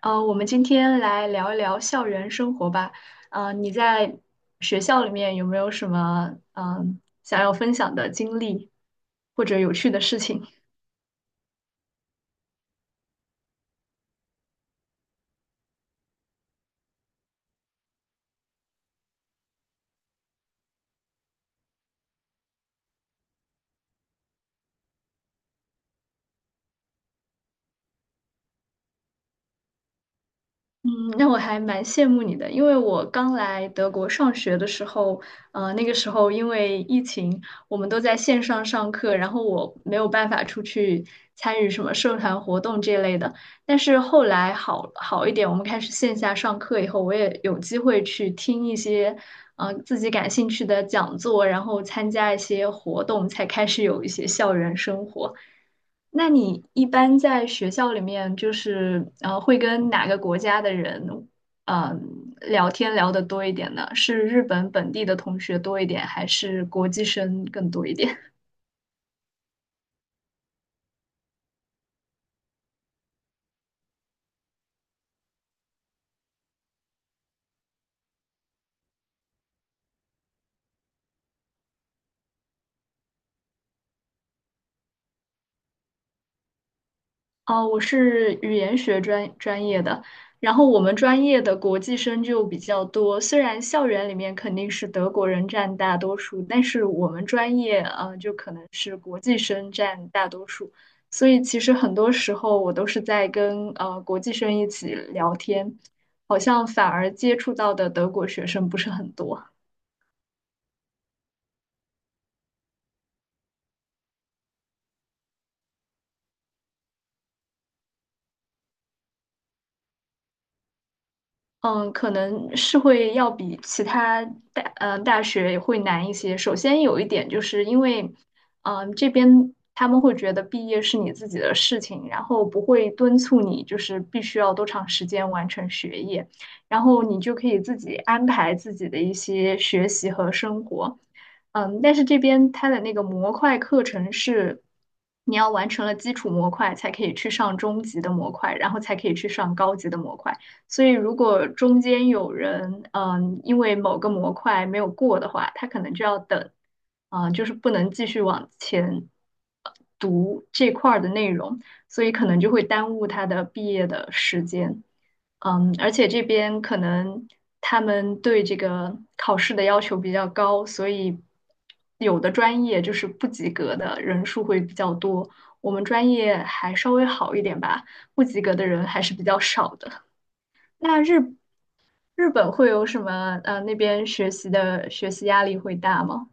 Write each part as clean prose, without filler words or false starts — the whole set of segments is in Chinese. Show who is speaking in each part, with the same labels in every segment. Speaker 1: 我们今天来聊一聊校园生活吧。你在学校里面有没有什么想要分享的经历或者有趣的事情？嗯，那我还蛮羡慕你的，因为我刚来德国上学的时候，那个时候因为疫情，我们都在线上上课，然后我没有办法出去参与什么社团活动这类的。但是后来好好一点，我们开始线下上课以后，我也有机会去听一些，自己感兴趣的讲座，然后参加一些活动，才开始有一些校园生活。那你一般在学校里面，就是,会跟哪个国家的人，聊天聊得多一点呢？是日本本地的同学多一点，还是国际生更多一点？哦，我是语言学专业的，然后我们专业的国际生就比较多。虽然校园里面肯定是德国人占大多数，但是我们专业就可能是国际生占大多数，所以其实很多时候我都是在跟国际生一起聊天，好像反而接触到的德国学生不是很多。嗯，可能是会要比其他大学会难一些。首先有一点就是因为，这边他们会觉得毕业是你自己的事情，然后不会敦促你，就是必须要多长时间完成学业，然后你就可以自己安排自己的一些学习和生活。嗯，但是这边它的那个模块课程是，你要完成了基础模块才可以去上中级的模块，然后才可以去上高级的模块。所以如果中间有人因为某个模块没有过的话，他可能就要等，就是不能继续往前这块儿的内容，所以可能就会耽误他的毕业的时间。嗯，而且这边可能他们对这个考试的要求比较高，所以有的专业就是不及格的人数会比较多。我们专业还稍微好一点吧，不及格的人还是比较少的。那日日本会有什么？呃，那边学习的学习压力会大吗？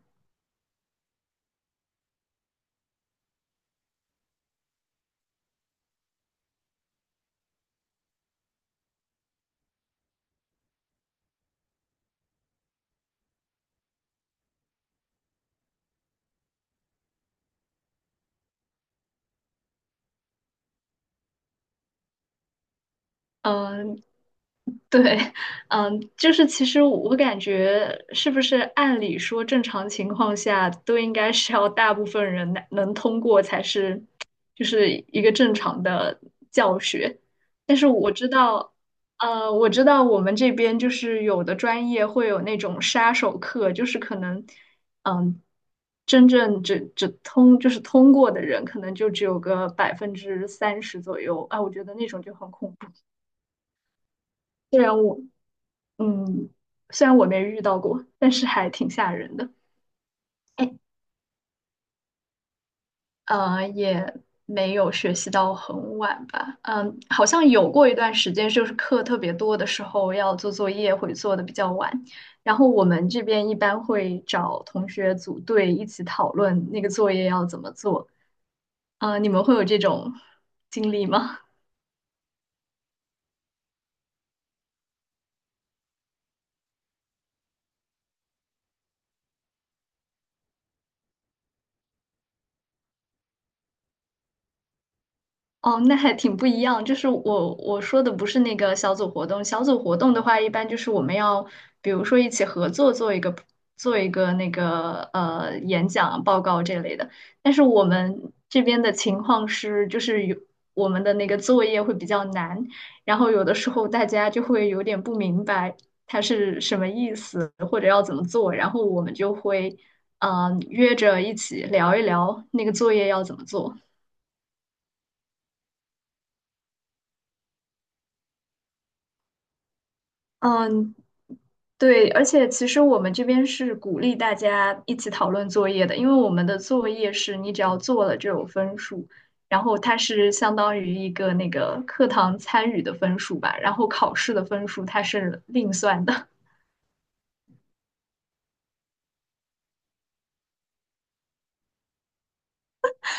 Speaker 1: 嗯、对，嗯，就是其实我感觉，是不是按理说正常情况下都应该是要大部分人能通过才是，就是一个正常的教学。但是我知道，我知道我们这边就是有的专业会有那种杀手课，就是可能，嗯，真正只只通就是通过的人，可能就只有个30%左右啊，我觉得那种就很恐怖。虽然我嗯，虽然我没遇到过，但是还挺吓人的。哎，也没有学习到很晚吧。嗯，好像有过一段时间，就是课特别多的时候要做作业，会做的比较晚。然后我们这边一般会找同学组队一起讨论那个作业要怎么做。呃，你们会有这种经历吗？哦，那还挺不一样。就是我说的不是那个小组活动，小组活动的话，一般就是我们要，比如说一起合作做一个那个演讲报告这类的。但是我们这边的情况是，就是有我们的那个作业会比较难，然后有的时候大家就会有点不明白它是什么意思，或者要怎么做，然后我们就会约着一起聊一聊那个作业要怎么做。嗯，对，而且其实我们这边是鼓励大家一起讨论作业的，因为我们的作业是你只要做了就有分数，然后它是相当于一个那个课堂参与的分数吧，然后考试的分数它是另算的。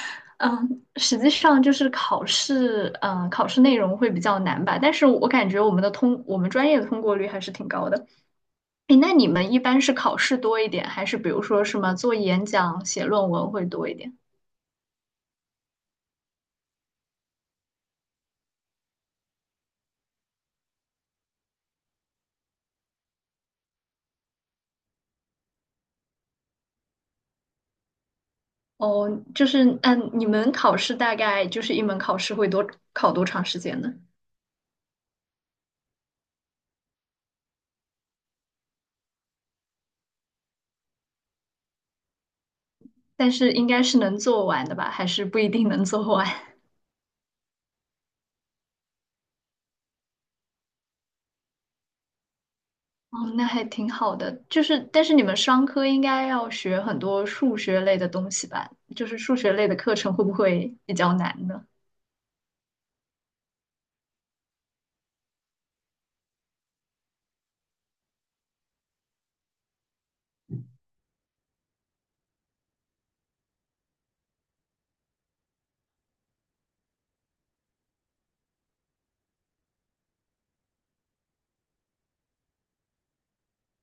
Speaker 1: 嗯，实际上就是考试，嗯，考试内容会比较难吧，但是我感觉我们专业的通过率还是挺高的。诶，那你们一般是考试多一点，还是比如说什么做演讲、写论文会多一点？哦，就是嗯，你们考试大概就是一门考试会考多长时间呢？但是应该是能做完的吧，还是不一定能做完？哦，那还挺好的。就是，但是你们商科应该要学很多数学类的东西吧？就是数学类的课程会不会比较难呢？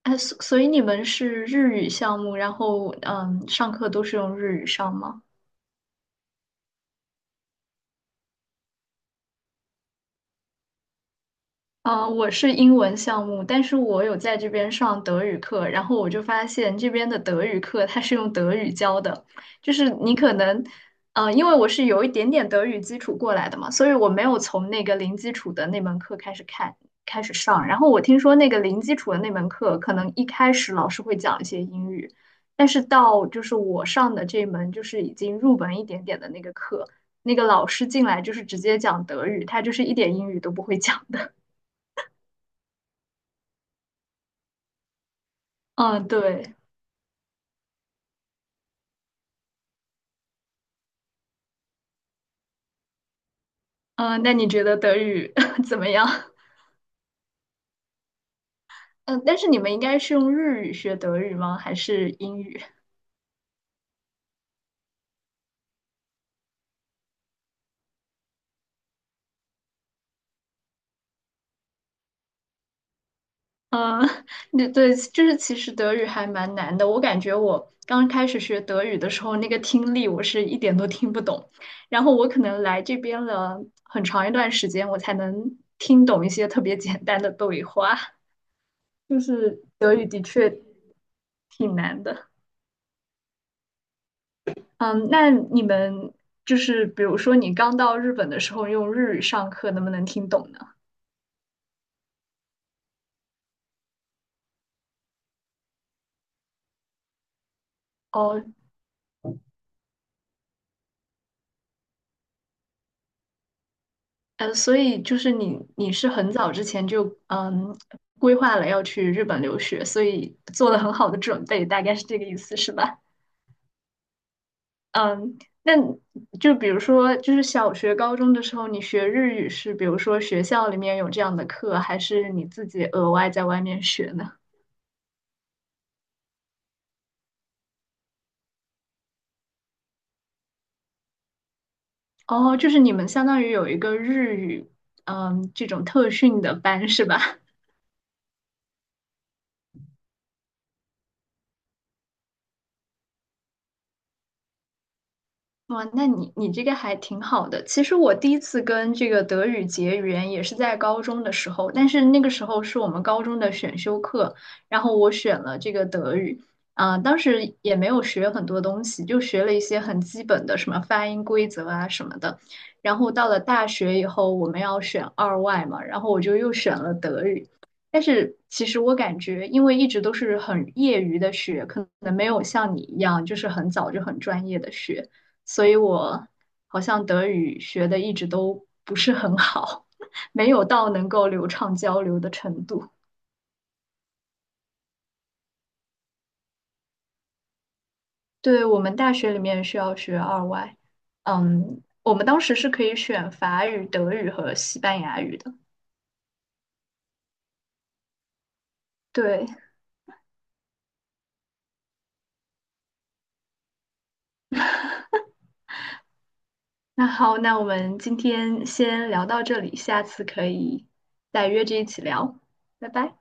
Speaker 1: 哎，所以你们是日语项目，然后嗯，上课都是用日语上吗？啊，我是英文项目，但是我有在这边上德语课，然后我就发现这边的德语课它是用德语教的，就是你可能，因为我是有一点点德语基础过来的嘛，所以我没有从那个零基础的那门课开始上。然后我听说那个零基础的那门课，可能一开始老师会讲一些英语，但是到就是我上的这门就是已经入门一点点的那个课，那个老师进来就是直接讲德语，他就是一点英语都不会讲。的。嗯，对，嗯，那你觉得德语 怎么样？嗯，但是你们应该是用日语学德语吗？还是英语？嗯，对对，就是其实德语还蛮难的。我感觉我刚开始学德语的时候，那个听力我是一点都听不懂。然后我可能来这边了很长一段时间，我才能听懂一些特别简单的对话。就是德语的确挺难的。嗯，那你们就是比如说你刚到日本的时候用日语上课，能不能听懂呢？哦，所以就是你是很早之前就规划了要去日本留学，所以做了很好的准备，大概是这个意思是吧？嗯，那就比如说就是小学、高中的时候你学日语是比如说学校里面有这样的课，还是你自己额外在外面学呢？哦，就是你们相当于有一个日语，嗯，这种特训的班是吧？哇，那你这个还挺好的。其实我第一次跟这个德语结缘也是在高中的时候，但是那个时候是我们高中的选修课，然后我选了这个德语，当时也没有学很多东西，就学了一些很基本的什么发音规则啊什么的。然后到了大学以后，我们要选二外嘛，然后我就又选了德语。但是其实我感觉，因为一直都是很业余的学，可能没有像你一样，就是很早就很专业的学。所以我好像德语学的一直都不是很好，没有到能够流畅交流的程度。对，我们大学里面需要学二外，嗯，我们当时是可以选法语、德语和西班牙语的。对，那好，那我们今天先聊到这里，下次可以再约着一起聊，拜拜。